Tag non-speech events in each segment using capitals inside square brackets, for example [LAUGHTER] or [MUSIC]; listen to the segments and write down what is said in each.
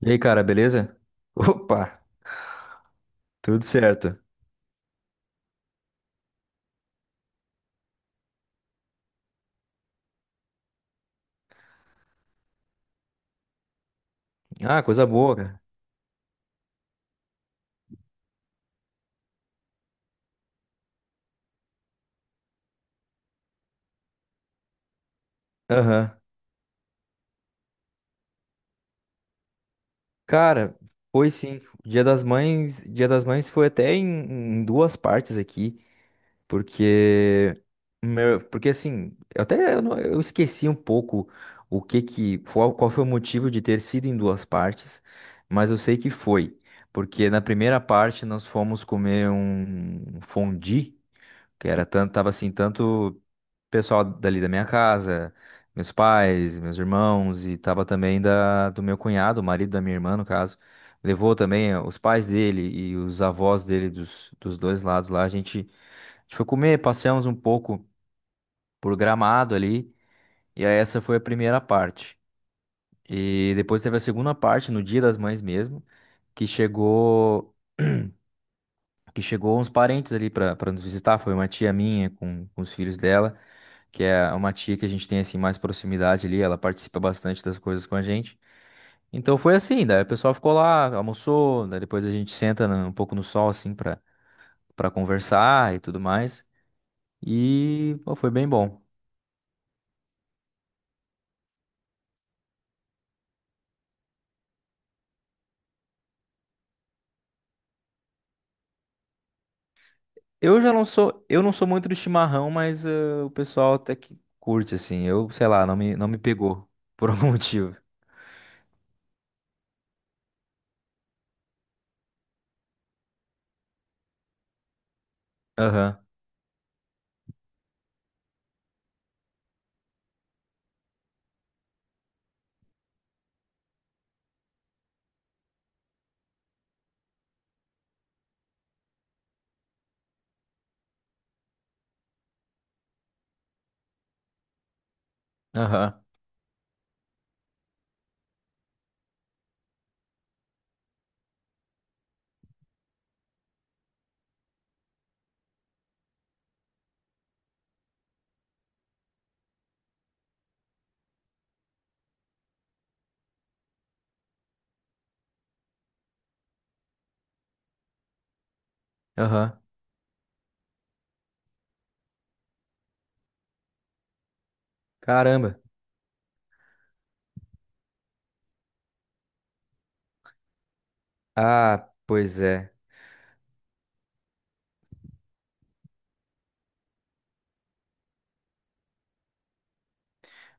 E aí, cara, beleza? Opa, tudo certo. Ah, coisa boa, cara. Aham. Cara, foi sim. O Dia das Mães foi até em, em duas partes aqui, porque eu até eu, não- eu esqueci um pouco o que que qual, qual foi o motivo de ter sido em duas partes, mas eu sei que foi, porque na primeira parte nós fomos comer um fondue. Que era tanto, tava assim, tanto pessoal dali da minha casa, meus pais, meus irmãos, e tava também do meu cunhado, o marido da minha irmã, no caso. Levou também os pais dele e os avós dele dos dois lados lá. A gente foi comer, passeamos um pouco por Gramado ali, e aí essa foi a primeira parte. E depois teve a segunda parte, no Dia das Mães mesmo, que chegou. [CLEARS THROAT] Que chegou uns parentes ali pra nos visitar. Foi uma tia minha com os filhos dela, que é uma tia que a gente tem assim mais proximidade ali. Ela participa bastante das coisas com a gente. Então foi assim, daí o pessoal ficou lá, almoçou, daí depois a gente um pouco no sol assim pra para conversar e tudo mais. E pô, foi bem bom. Eu não sou muito do chimarrão, mas o pessoal até que curte assim. Eu, sei lá, não me pegou por algum [LAUGHS] motivo. Aham. Aham. Aham. Caramba. Ah, pois é.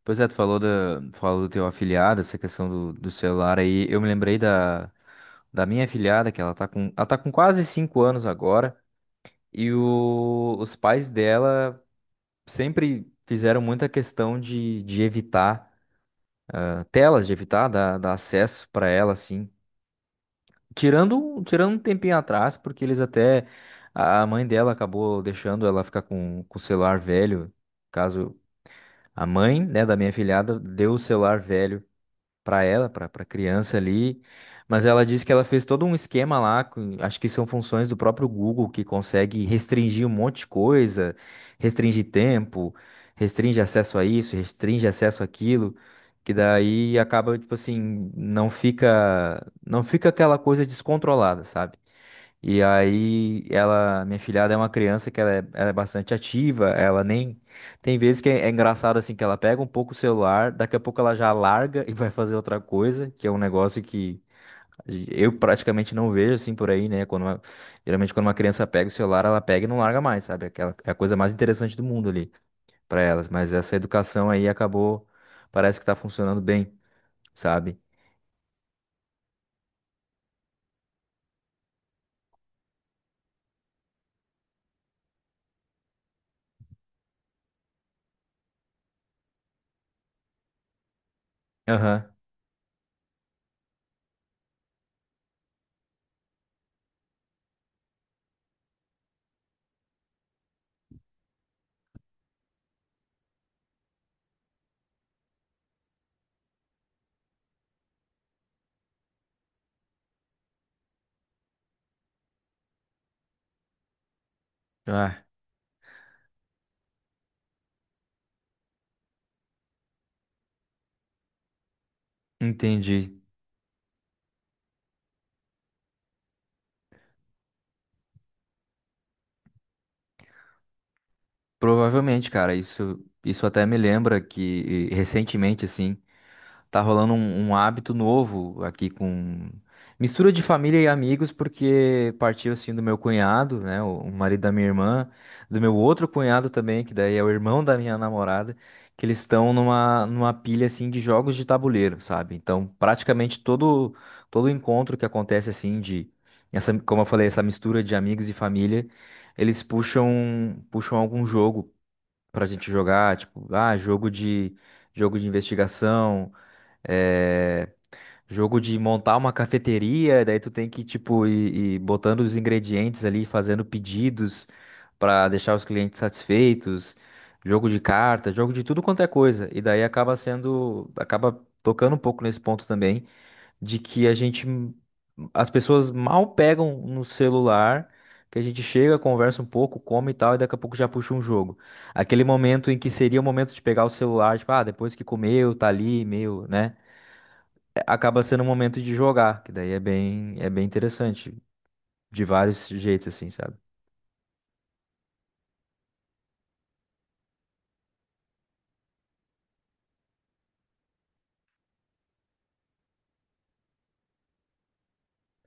Pois é, tu falou falou do teu afiliado, essa questão do celular aí. Eu me lembrei da minha afiliada, que ela tá com quase 5 anos agora, e os pais dela sempre fizeram muita questão de evitar telas, de evitar dar acesso para ela, assim. Tirando um tempinho atrás, porque eles até. A mãe dela acabou deixando ela ficar com o celular velho, caso. A mãe, né, da minha filhada deu o celular velho para ela, para criança ali, mas ela disse que ela fez todo um esquema lá, acho que são funções do próprio Google que consegue restringir um monte de coisa, restringe tempo, restringe acesso a isso, restringe acesso àquilo, que daí acaba tipo assim, não fica aquela coisa descontrolada, sabe? E aí ela, minha filhada é uma criança que ela é bastante ativa, ela nem tem vezes que é engraçado assim que ela pega um pouco o celular, daqui a pouco ela já larga e [LAUGHS] vai fazer outra coisa, que é um negócio que eu praticamente não vejo assim por aí, né? Geralmente quando uma criança pega o celular, ela pega e não larga mais, sabe? Aquela é a coisa mais interessante do mundo ali para elas, mas essa educação aí acabou, parece que tá funcionando bem, sabe? Aham. Ah, entendi. Provavelmente, cara, isso até me lembra que recentemente, assim, tá rolando um hábito novo aqui com mistura de família e amigos, porque partiu, assim, do meu cunhado, né, o marido da minha irmã, do meu outro cunhado também, que daí é o irmão da minha namorada, que eles estão numa pilha, assim, de jogos de tabuleiro, sabe? Então, todo encontro que acontece, assim, essa, como eu falei, essa mistura de amigos e família, puxam algum jogo pra gente jogar, tipo, ah, jogo de investigação, é, jogo de montar uma cafeteria, daí tu tem que, tipo, ir botando os ingredientes ali, fazendo pedidos pra deixar os clientes satisfeitos, jogo de carta, jogo de tudo quanto é coisa. E daí acaba tocando um pouco nesse ponto também de que a gente as pessoas mal pegam no celular, que a gente chega, conversa um pouco, come e tal, e daqui a pouco já puxa um jogo. Aquele momento em que seria o momento de pegar o celular, tipo, ah, depois que comeu, tá ali, meio, né? É, acaba sendo um momento de jogar, que daí é é bem interessante, de vários jeitos, assim, sabe?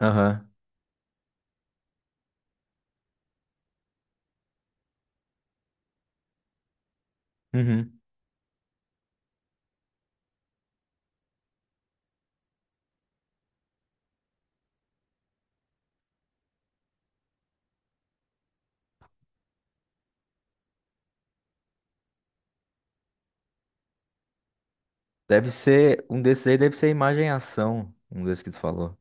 Aham. Uhum. Deve ser, um desses aí deve ser imagem e ação, um desses que tu falou.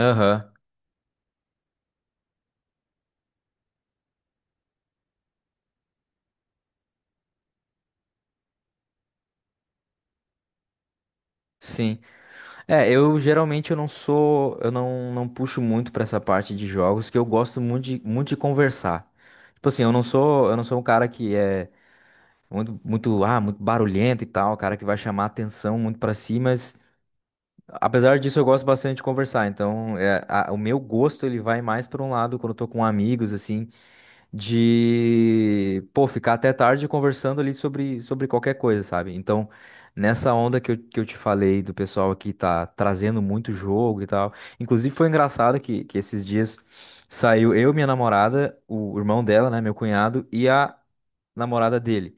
Aham. Sim. É, eu geralmente eu não sou, eu não puxo muito pra essa parte de jogos, que eu gosto muito muito de conversar. Tipo assim, eu não sou um cara que é muito barulhento e tal, cara que vai chamar atenção muito pra si, mas apesar disso eu gosto bastante de conversar. Então, é, o meu gosto ele vai mais pra um lado quando eu tô com amigos assim, de, pô, ficar até tarde conversando ali sobre qualquer coisa, sabe? Então, nessa onda que que eu te falei do pessoal que tá trazendo muito jogo e tal. Inclusive, foi engraçado que esses dias saiu eu, minha namorada, o irmão dela, né, meu cunhado, e a namorada dele.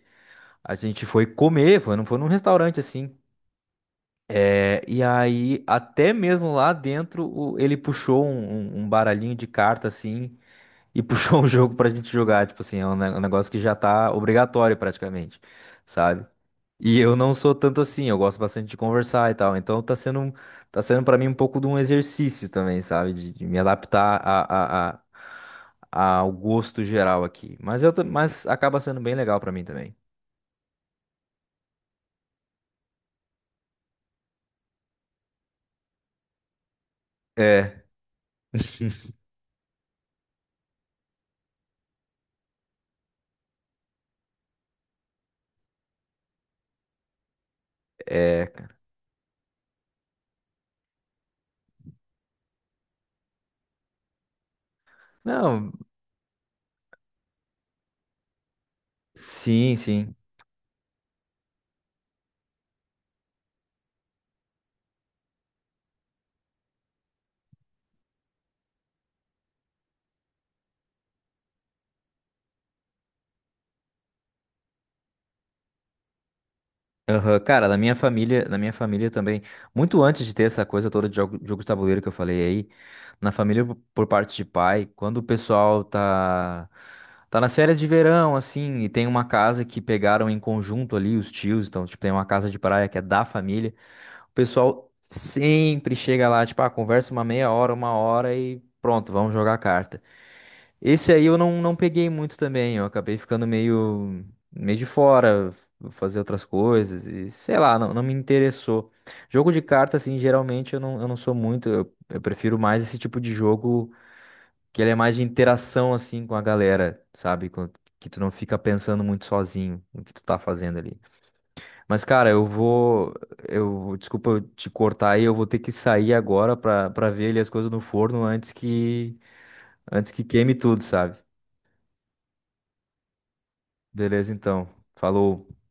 A gente foi comer, não foi num restaurante assim. É, e aí, até mesmo lá dentro, ele puxou um baralhinho de carta assim e [LAUGHS] puxou um jogo pra gente jogar. Tipo assim, é um, um negócio que já tá obrigatório praticamente, sabe? E eu não sou tanto assim, eu gosto bastante de conversar e tal. Então tá sendo para mim um pouco de um exercício também, sabe? De me adaptar ao gosto geral aqui. Mas, mas acaba sendo bem legal pra mim também. É, é. Não, sim, sim. Aham. Cara, na minha família também, muito antes de ter essa coisa toda de jogo, jogos de tabuleiro que eu falei aí, na família por parte de pai, quando o pessoal tá tá nas férias de verão assim, e tem uma casa que pegaram em conjunto ali os tios, então tipo tem uma casa de praia que é da família, o pessoal sempre chega lá, tipo, ah, conversa uma meia hora, uma hora e pronto, vamos jogar carta. Esse aí eu não, não peguei muito também, eu acabei ficando meio de fora, vou fazer outras coisas e sei lá, não me interessou. Jogo de carta, assim, geralmente eu não sou muito, eu prefiro mais esse tipo de jogo que ele é mais de interação, assim, com a galera, sabe? Que tu não fica pensando muito sozinho no que tu tá fazendo ali. Mas, cara, desculpa eu te cortar aí, eu vou ter que sair agora pra ver ali as coisas no forno antes que queime tudo, sabe? Beleza, então. Falou.